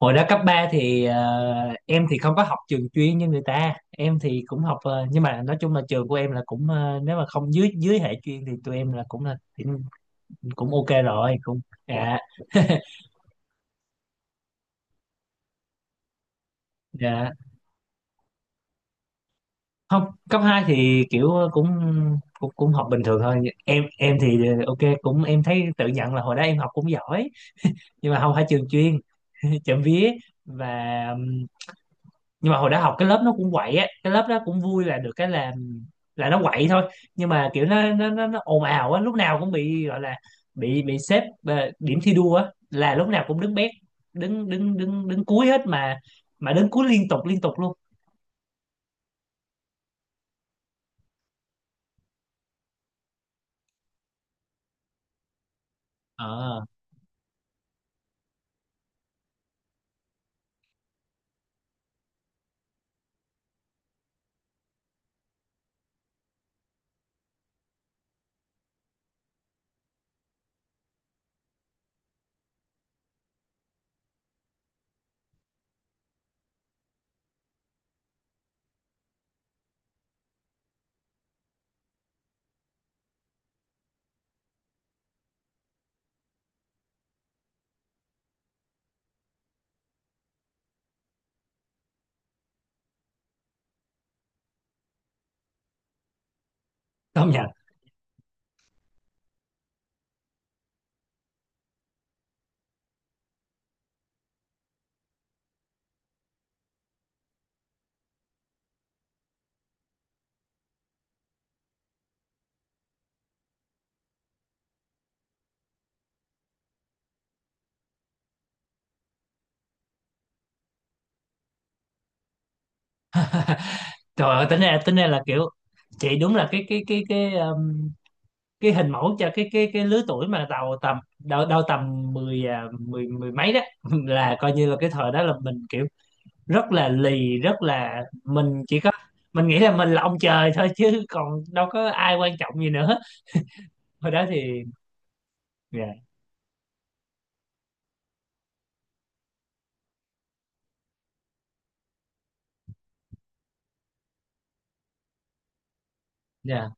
Hồi đó cấp 3 thì em thì không có học trường chuyên như người ta, em thì cũng học nhưng mà nói chung là trường của em là cũng nếu mà không dưới dưới hệ chuyên thì tụi em là cũng, cũng ok rồi cũng. Dạ. Dạ, không. Cấp 2 thì kiểu cũng cũng cũng học bình thường thôi. Em thì ok, cũng em thấy tự nhận là hồi đó em học cũng giỏi, nhưng mà không phải trường chuyên. Chậm vía. Và nhưng mà hồi đó học cái lớp nó cũng quậy á, cái lớp đó cũng vui, là được cái là nó quậy thôi, nhưng mà kiểu nó ồn ào á, lúc nào cũng bị gọi là bị xếp điểm thi đua á, là lúc nào cũng đứng bét. Đứng đứng đứng đứng cuối hết mà đứng cuối liên tục luôn. Ờ, công nhận. Trời ơi, tính ra là kiểu chị đúng là cái hình mẫu cho cái lứa tuổi mà đầu tầm đâu đâu tầm mười mười mười mấy đó. Là coi như là cái thời đó là mình kiểu rất là lì, rất là mình chỉ có nghĩ là mình là ông trời thôi chứ còn đâu có ai quan trọng gì nữa. Hồi đó thì dạ, dạ,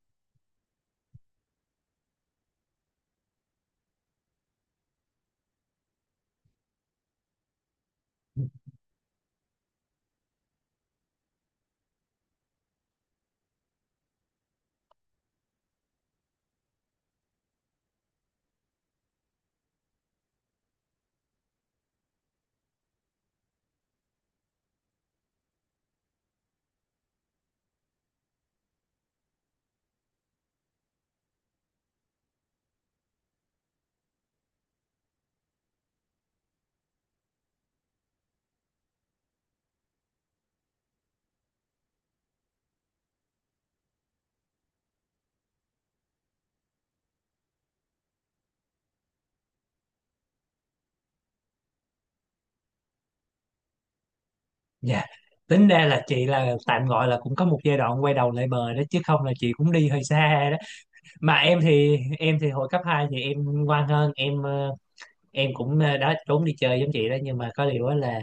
dạ, tính ra là chị là tạm gọi là cũng có một giai đoạn quay đầu lại bờ đó chứ không là chị cũng đi hơi xa đó. Mà em thì hồi cấp 2 thì em ngoan hơn. Em em cũng đó, trốn đi chơi giống chị đó, nhưng mà có điều á là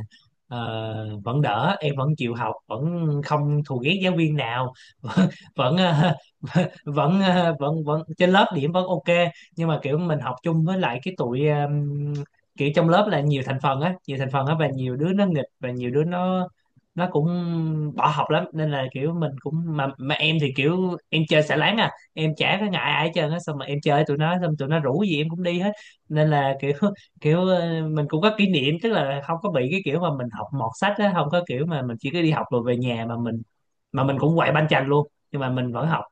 vẫn đỡ, em vẫn chịu học, vẫn không thù ghét giáo viên nào. vẫn vẫn ờ, vẫn vẫn vẫn trên lớp điểm vẫn ok. Nhưng mà kiểu mình học chung với lại cái tụi kiểu trong lớp là nhiều thành phần á, nhiều thành phần á, và nhiều đứa nó nghịch và nhiều đứa nó cũng bỏ học lắm, nên là kiểu mình cũng mà em thì kiểu em chơi xả láng à, em chả có ngại ai hết trơn á, xong mà em chơi tụi nó, xong tụi nó rủ gì em cũng đi hết. Nên là kiểu kiểu mình cũng có kỷ niệm, tức là không có bị cái kiểu mà mình học mọt sách á, không có kiểu mà mình chỉ có đi học rồi về nhà mà mình cũng quậy banh chành luôn, nhưng mà mình vẫn học.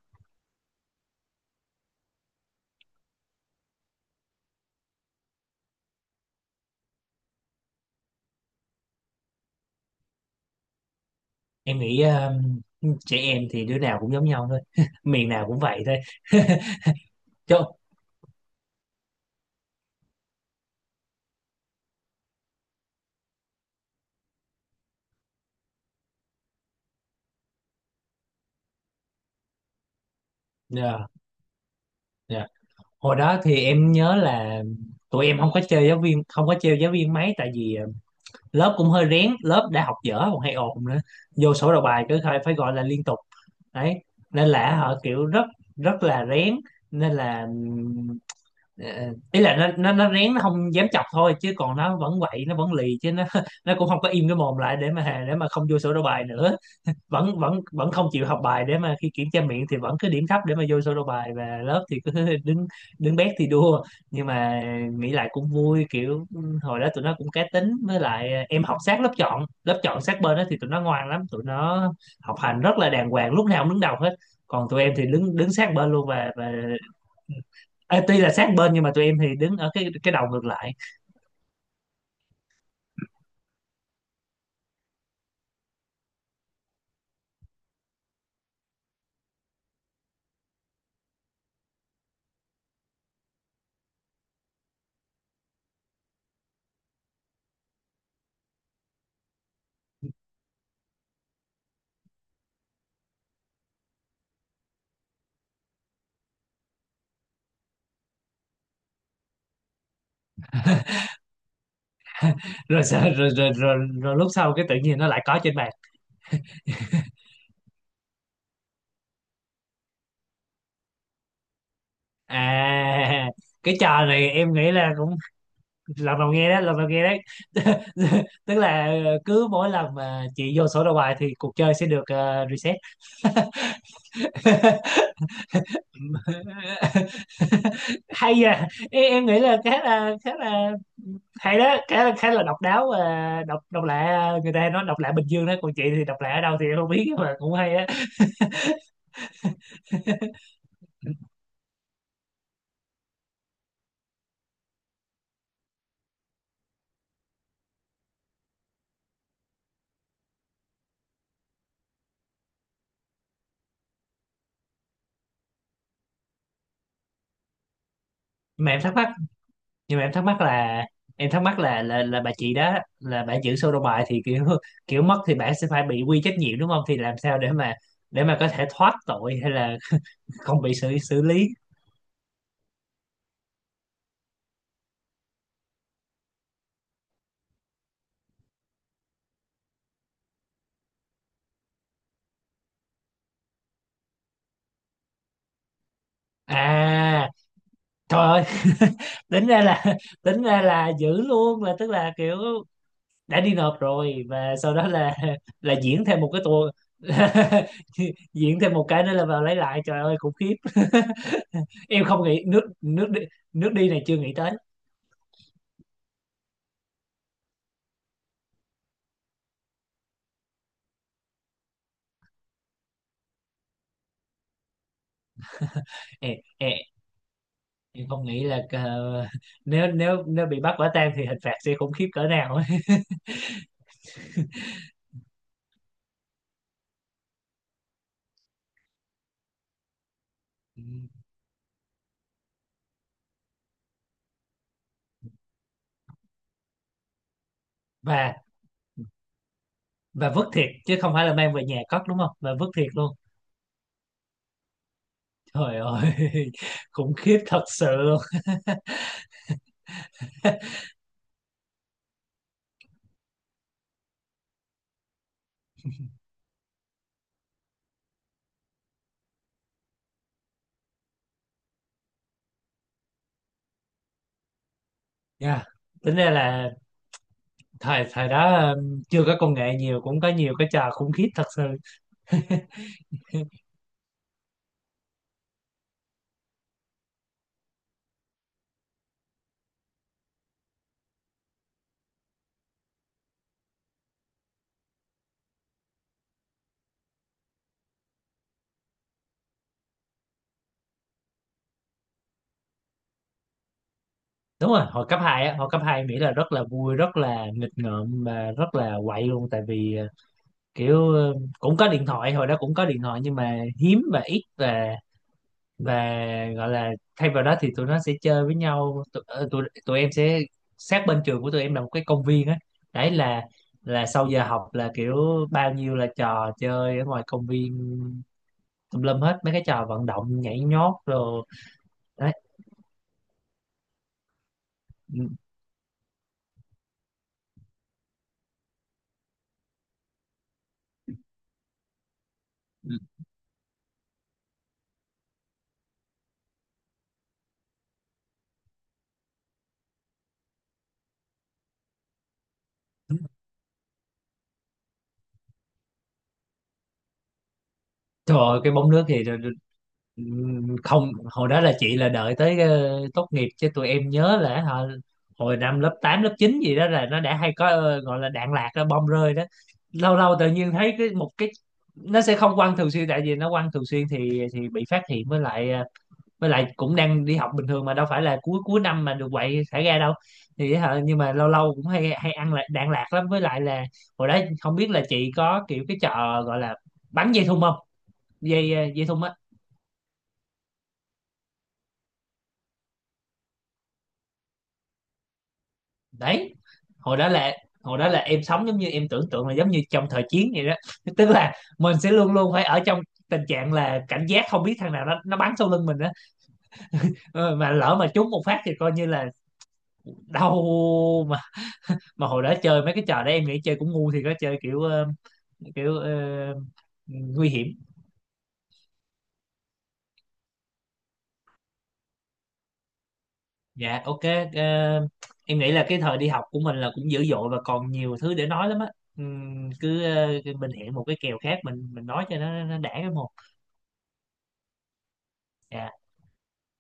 Em nghĩ trẻ em thì đứa nào cũng giống nhau thôi, miền nào cũng vậy thôi. Chứ dạ, dạ. Hồi đó thì em nhớ là tụi em không có chơi giáo viên, không có trêu giáo viên mấy, tại vì lớp cũng hơi rén, lớp đã học dở còn hay ồn nữa, vô sổ đầu bài cứ phải phải gọi là liên tục. Đấy. Nên là họ kiểu rất rất là rén, nên là Ờ, ý là nó rén, nó không dám chọc thôi, chứ còn nó vẫn quậy, nó vẫn lì chứ, nó nó cũng không có im cái mồm lại để mà không vô sổ đầu bài nữa. Vẫn vẫn vẫn không chịu học bài, để mà khi kiểm tra miệng thì vẫn cứ điểm thấp, để mà vô sổ đầu bài, và lớp thì cứ đứng đứng bét thì đua. Nhưng mà nghĩ lại cũng vui, kiểu hồi đó tụi nó cũng cá tính, với lại em học sát lớp chọn, lớp chọn sát bên đó thì tụi nó ngoan lắm, tụi nó học hành rất là đàng hoàng, lúc nào cũng đứng đầu hết. Còn tụi em thì đứng đứng sát bên luôn, và Ê, tuy là sát bên nhưng mà tụi em thì đứng ở cái đầu ngược lại. Rồi, rồi, rồi lúc sau cái tự nhiên nó lại có trên bàn. À, cái trò này em nghĩ là cũng lần đầu nghe đó, lần đầu nghe đấy. Tức là cứ mỗi lần mà chị vô sổ đầu bài thì cuộc chơi sẽ được reset. Hay à em nghĩ là khá là hay đó, khá là độc đáo và độc độc lạ. Ờ, Người ta nói độc lạ Bình Dương đó, còn chị thì độc lạ ở đâu thì em không biết, nhưng mà cũng hay á. Mà em thắc mắc, nhưng mà em thắc mắc là là bà chị đó là bà giữ sổ đầu bài, thì kiểu kiểu mất thì bà sẽ phải bị quy trách nhiệm đúng không, thì làm sao để mà có thể thoát tội, hay là không bị xử xử lý. À, trời ơi, tính ra là tính ra là giữ luôn, là tức là kiểu đã đi nộp rồi, và sau đó là là diễn thêm một cái tour. Diễn thêm một cái nữa là vào lấy lại, trời ơi khủng khiếp. Em không nghĩ nước nước đi này chưa nghĩ tới. Em, em, em không nghĩ là nếu nếu nếu bị bắt quả tang thì hình phạt sẽ khủng khiếp cỡ nào ấy. Ừ. Và vứt thiệt chứ không phải là mang về nhà cất đúng không, mà vứt thiệt luôn. Trời ơi, khủng khiếp thật sự luôn. Dạ. Tính ra là thời thời đó chưa có công nghệ nhiều cũng có nhiều cái trò khủng khiếp thật sự. Đúng rồi, hồi cấp 2 á, hồi cấp hai em nghĩ là rất là vui, rất là nghịch ngợm, mà rất là quậy luôn, tại vì kiểu ờ, cũng có điện thoại, hồi đó cũng có điện thoại nhưng mà hiếm và ít, và và gọi là thay vào đó thì tụi nó sẽ chơi với nhau. Tụi em sẽ sát bên trường của tụi em là một cái công viên á. Đấy là sau giờ học là kiểu bao nhiêu là trò chơi ở ngoài công viên, tùm lum hết mấy cái trò vận động, nhảy nhót rồi. Đấy. Trời ơi, cái bóng nước thì không, hồi đó là chị là đợi tới tốt nghiệp, chứ tụi em nhớ là hả, hồi năm lớp 8 lớp 9 gì đó là nó đã hay có gọi là đạn lạc đó, bom rơi đó, lâu lâu tự nhiên thấy cái một cái, nó sẽ không quăng thường xuyên tại vì nó quăng thường xuyên thì bị phát hiện, với lại với lại cũng đang đi học bình thường, mà đâu phải là cuối cuối năm mà được quậy thả ga đâu. Thì hả, nhưng mà lâu lâu cũng hay hay ăn lại đạn lạc lắm, với lại là hồi đó không biết là chị có kiểu cái trò gọi là bắn dây thun không, dây dây thun á. Đấy, hồi đó là em sống giống như em tưởng tượng là giống như trong thời chiến vậy đó. Tức là mình sẽ luôn luôn phải ở trong tình trạng là cảnh giác, không biết thằng nào nó bắn sau lưng mình á. Ờ, mà lỡ mà trúng một phát thì coi như là đau. mà mà hồi đó chơi mấy cái trò đó em nghĩ chơi cũng ngu thì có, chơi kiểu kiểu nguy hiểm. Dạ ok. ờ, em nghĩ là cái thời đi học của mình là cũng dữ dội và còn nhiều thứ để nói lắm á. Cứ mình hẹn một cái kèo khác, mình nói cho nó đã cái một.